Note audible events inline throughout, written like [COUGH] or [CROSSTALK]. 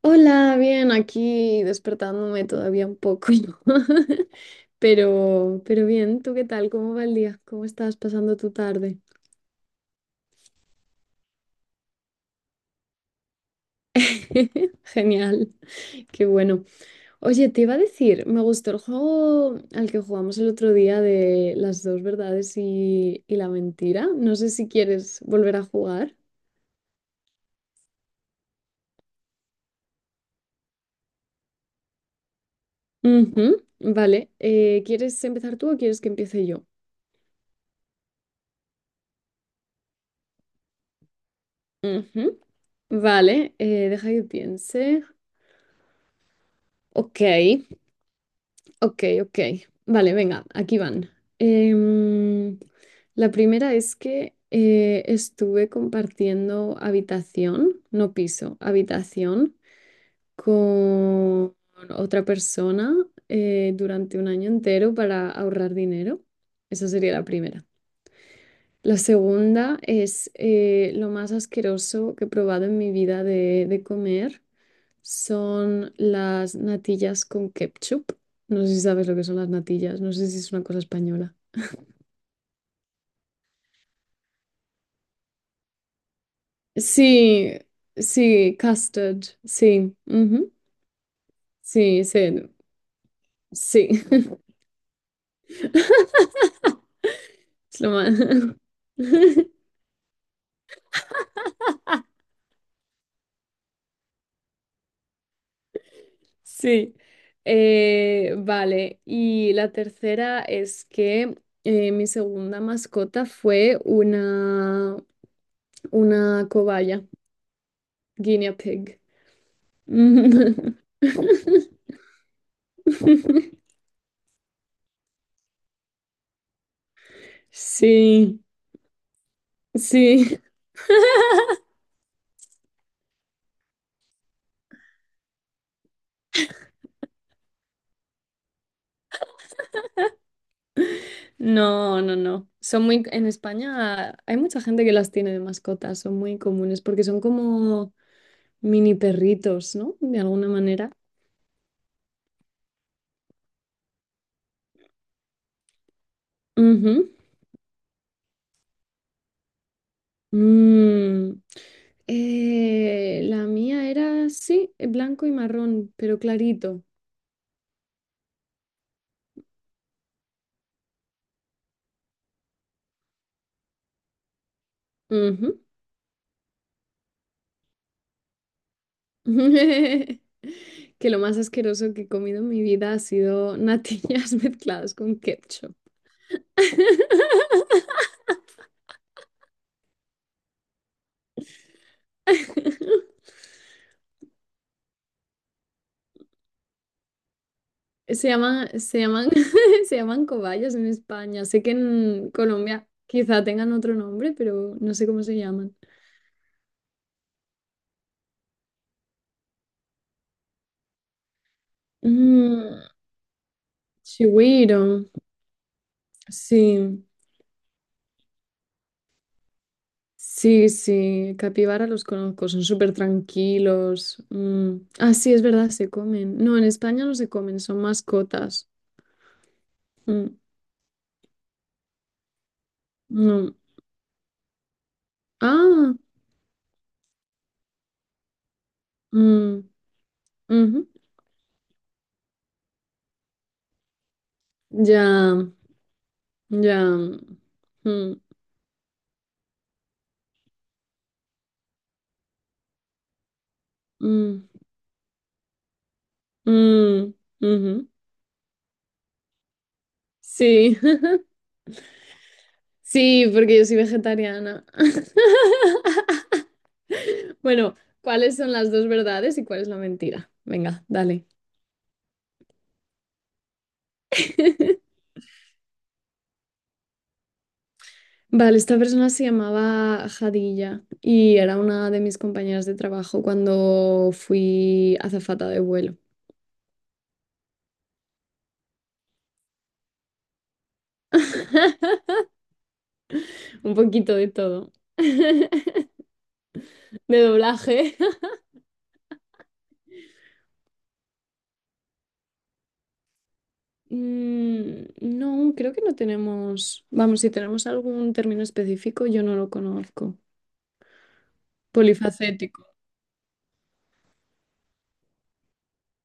Hola, bien, aquí despertándome todavía un poco, ¿no? [LAUGHS] Pero bien, ¿tú qué tal? ¿Cómo va el día? ¿Cómo estás pasando tu tarde? [LAUGHS] Genial, qué bueno. Oye, te iba a decir, me gustó el juego al que jugamos el otro día de las dos verdades y la mentira. No sé si quieres volver a jugar. Ujú. Vale, ¿quieres empezar tú o quieres que empiece yo? Ujú. Vale, deja que piense. Ok. Ok, ok. Vale, venga, aquí van. Em, la primera es que estuve compartiendo habitación, no piso, habitación con otra persona durante un año entero para ahorrar dinero. Esa sería la primera. La segunda es lo más asqueroso que he probado en mi vida de comer son las natillas con ketchup. No sé si sabes lo que son las natillas, no sé si es una cosa española. Sí, sí, custard, sí, ujú. Sí, sí, sí, [LAUGHS] es lo más. [LAUGHS] Sí. Vale. Y la tercera es que mi segunda mascota fue una cobaya, guinea pig. [LAUGHS] Sí. Sí, [LAUGHS] no, no, no. Son muy, en España hay mucha gente que las tiene de mascotas, son muy comunes porque son como mini perritos, ¿no? De alguna manera. Ujú. Mm. La mía era, sí, blanco y marrón, pero clarito. Ujú. [LAUGHS] Que lo más asqueroso que he comido en mi vida ha sido natillas [LAUGHS] mezcladas con ketchup. [LAUGHS] Se llaman, se llaman, [LAUGHS] se llaman cobayas en España. Sé que en Colombia quizá tengan otro nombre, pero no sé cómo se llaman. Mm, chigüiro. Sí, sí, sí. Capibara los conozco, son súper tranquilos. Mm. Ah, sí, es verdad, se comen. No, en España no se comen, son mascotas. Mm, no. Ah, mm, ujú. Ya, ya. Mm, mm, mm, ujú. Sí. [LAUGHS] Sí, porque yo soy vegetariana. [LAUGHS] Bueno, ¿cuáles son las dos verdades y cuál es la mentira? Venga, dale. [LAUGHS] Vale, esta persona se llamaba Jadilla y era una de mis compañeras de trabajo cuando fui azafata de vuelo. Un poquito de todo, de doblaje. [LAUGHS] Mm, no, creo que no tenemos, vamos, si tenemos algún término específico, yo no lo conozco. Polifacético.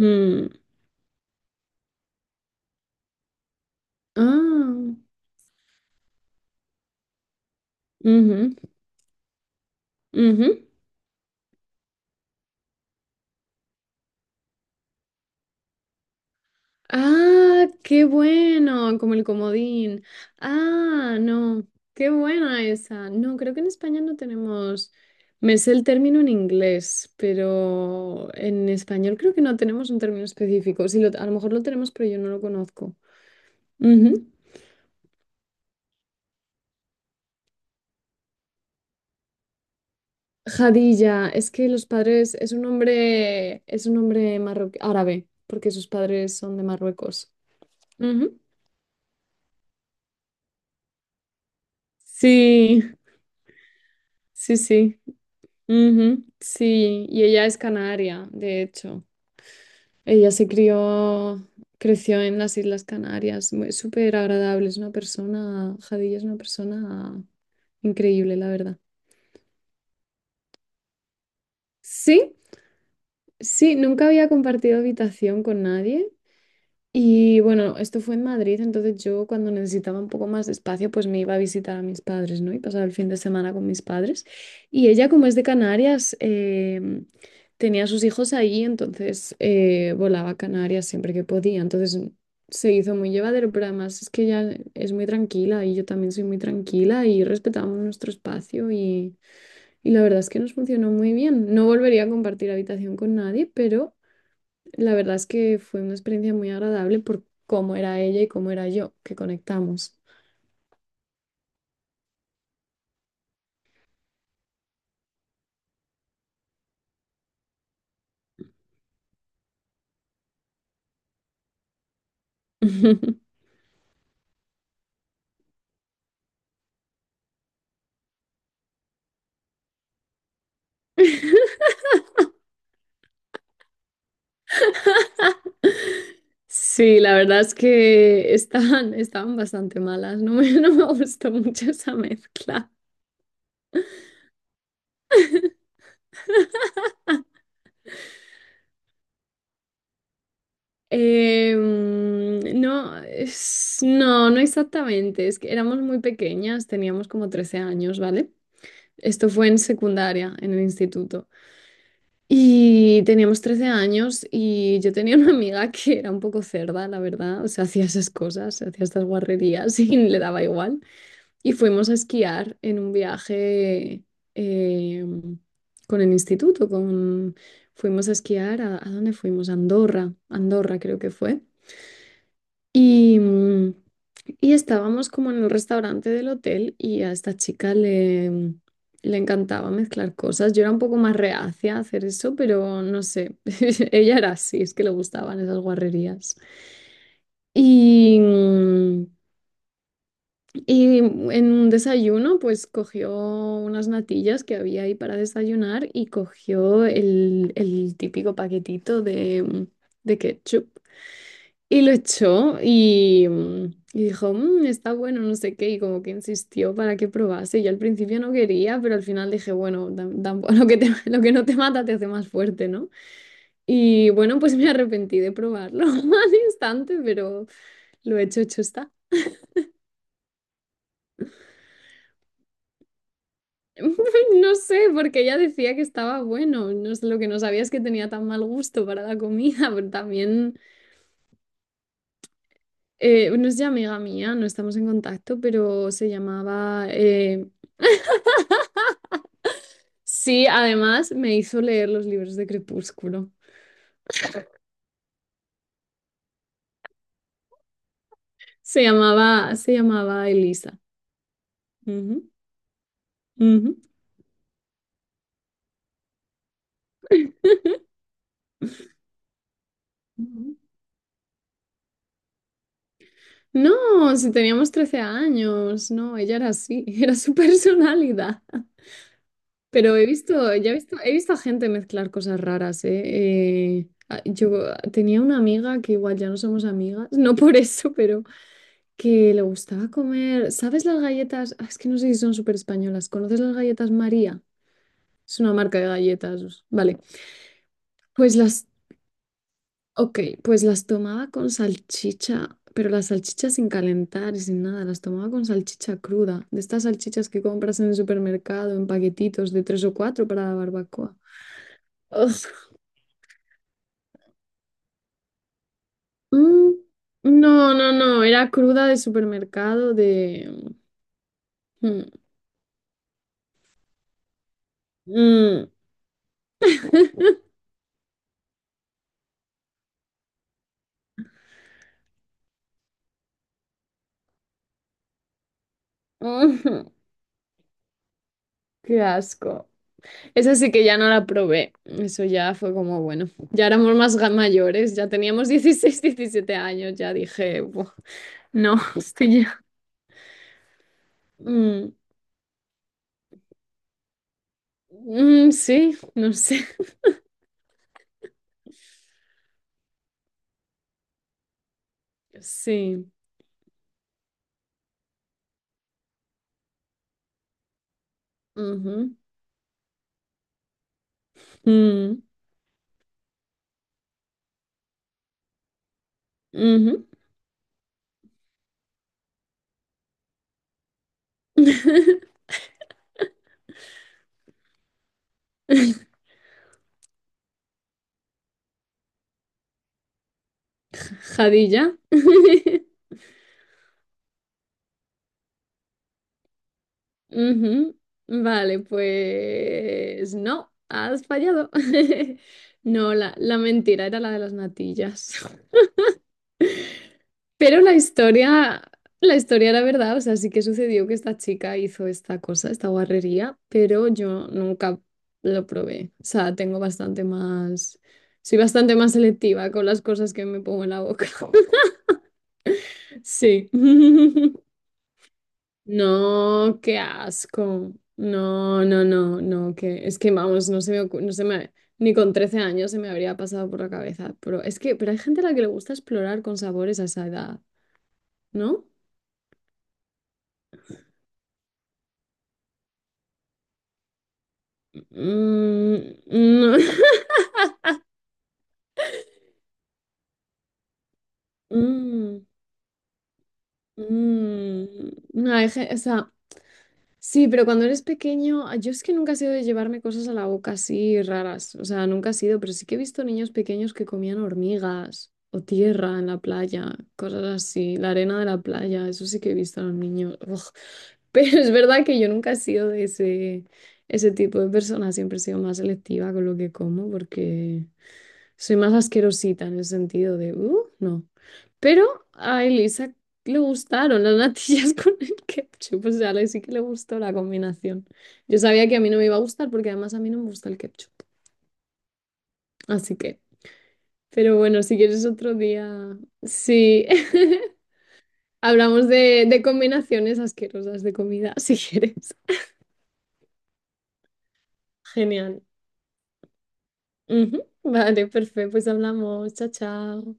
Mm. Ah, ujú, ujú. Ah, qué bueno, como el comodín. Ah, no, qué buena esa. No, creo que en España no tenemos, me sé el término en inglés, pero en español creo que no tenemos un término específico. Sí, lo- a lo mejor lo tenemos, pero yo no lo conozco. Ujú. Jadilla, es que los padres, es un hombre marroquí, árabe, porque sus padres son de Marruecos. Ujú. Sí, sí, sí. Ujú. Sí, y ella es canaria, de hecho. Ella se crió, creció en las Islas Canarias, muy- súper agradable, es una persona, Jadilla es una persona increíble, la verdad. Sí, sí, nunca había compartido habitación con nadie. Y bueno, esto fue en Madrid, entonces yo cuando necesitaba un poco más de espacio, pues me iba a visitar a mis padres, ¿no? Y pasaba el fin de semana con mis padres. Y ella, como es de Canarias, tenía a sus hijos ahí, entonces volaba a Canarias siempre que podía. Entonces se hizo muy llevadero, pero además es que ella es muy tranquila y yo también soy muy tranquila y respetamos nuestro espacio y la verdad es que nos funcionó muy bien. No volvería a compartir habitación con nadie, pero la verdad es que fue una experiencia muy agradable por cómo era ella y cómo era yo, que conectamos. [LAUGHS] Sí, la verdad es que estaban bastante malas, no me, [LAUGHS] no me gustó mucho esa mezcla. No, no, no exactamente, es que éramos muy pequeñas, teníamos como 13 años, ¿vale? Esto fue en secundaria, en el instituto. Y teníamos 13 años y yo tenía una amiga que era un poco cerda, la verdad. O sea, hacía esas cosas, hacía estas guarrerías [LAUGHS] y le daba igual. Y fuimos a esquiar en un viaje eh, con el instituto. Con... Fuimos a esquiar ¿a dónde fuimos? A Andorra, Andorra creo que fue. Y, mm, y estábamos como en el restaurante del hotel y a esta chica le encantaba mezclar cosas. Yo era un poco más reacia a hacer eso, pero no sé, [LAUGHS] ella era así, es que le gustaban esas guarrerías. Y, mm, y en un desayuno, pues cogió unas natillas que había ahí para desayunar y cogió el típico paquetito de, de ketchup. Y lo echó y dijo, "Mm, está bueno, no sé qué", y como que insistió para que probase. Yo al principio no quería, pero al final dije, bueno, tampoco, [LAUGHS] lo que lo que no te mata te hace más fuerte, ¿no? Y bueno, pues me arrepentí de probarlo [LAUGHS] al instante, pero lo hecho, hecho está. [LAUGHS] No sé, porque ella decía que estaba bueno. No sé, lo que no sabía es que tenía tan mal gusto para la comida, [LAUGHS] pero también, no es ya amiga mía, no estamos en contacto, pero se llamaba Sí, además me hizo leer los libros de Crepúsculo. Se llamaba Elisa. Ujú, ujú, ujú. No, si teníamos 13 años, no, ella era así, [LAUGHS] era su personalidad. Pero he visto, ya he visto a gente mezclar cosas raras, ¿eh? Yo tenía una amiga que igual ya no somos amigas, no por eso, pero que le gustaba comer, ¿sabes las galletas? Ah, es que no sé si son súper españolas. ¿Conoces las galletas María? Es una marca de galletas, vale. Pues las, ok, pues las tomaba con salchicha, pero las salchichas sin calentar y sin nada, las tomaba con salchicha cruda, de estas salchichas que compras en el supermercado en paquetitos de tres o cuatro para la barbacoa. Ugh. Mm, no, no, no, era cruda de supermercado de... Mm, mm, [LAUGHS] mm. Qué asco. Esa sí que ya no la probé. Eso ya fue como, bueno, ya éramos más mayores, ya teníamos [LAUGHS] 16, 17 años, ya dije, "Buah, no", [LAUGHS] estoy. Mm, mm, sí, no sé. [LAUGHS] Sí. Ujú. Mm, ujú. [LAUGHS] Jadilla. [LAUGHS] Ujú. Vale, pues no, has fallado. [LAUGHS] No, la mentira era la de las natillas. [LAUGHS] Pero la historia, la historia era verdad, o sea, sí que sucedió que esta chica hizo esta cosa, esta guarrería, pero yo nunca lo probé. O sea, tengo bastante más, soy bastante más selectiva con las cosas que me pongo en la boca. [LAUGHS] Sí. [LAUGHS] No, qué asco. No, no, no, no, que es que vamos, no se me ni con 13 años se me habría pasado por la cabeza, pero es que pero hay gente a la que le gusta explorar con sabores a esa edad, ¿no? Mm, no. [LAUGHS] Mm, mm. No, o sea, sí, pero cuando eres pequeño, ah, yo es que nunca he sido de llevarme cosas a la boca así raras. O sea, nunca he sido, pero sí que he visto niños pequeños que comían hormigas o tierra en la playa, cosas así, la arena de la playa, eso sí que he visto a los niños. Ugh. [LAUGHS] Pero es verdad que yo nunca he sido de ese tipo de persona, siempre he sido más selectiva con lo que como porque... Soy más asquerosita en el sentido de, no. Pero a Elisa le gustaron las natillas [LAUGHS] con el ketchup, o sea, a sí que le gustó la combinación. Yo sabía que a mí no me iba a gustar porque además a mí no me gusta el ketchup. Así que, pero bueno, si quieres otro día, sí. [LAUGHS] Hablamos de combinaciones asquerosas de comida, [LAUGHS] si quieres. Genial. Ujú. Vale, perfecto, pues hablamos. Chao, chao.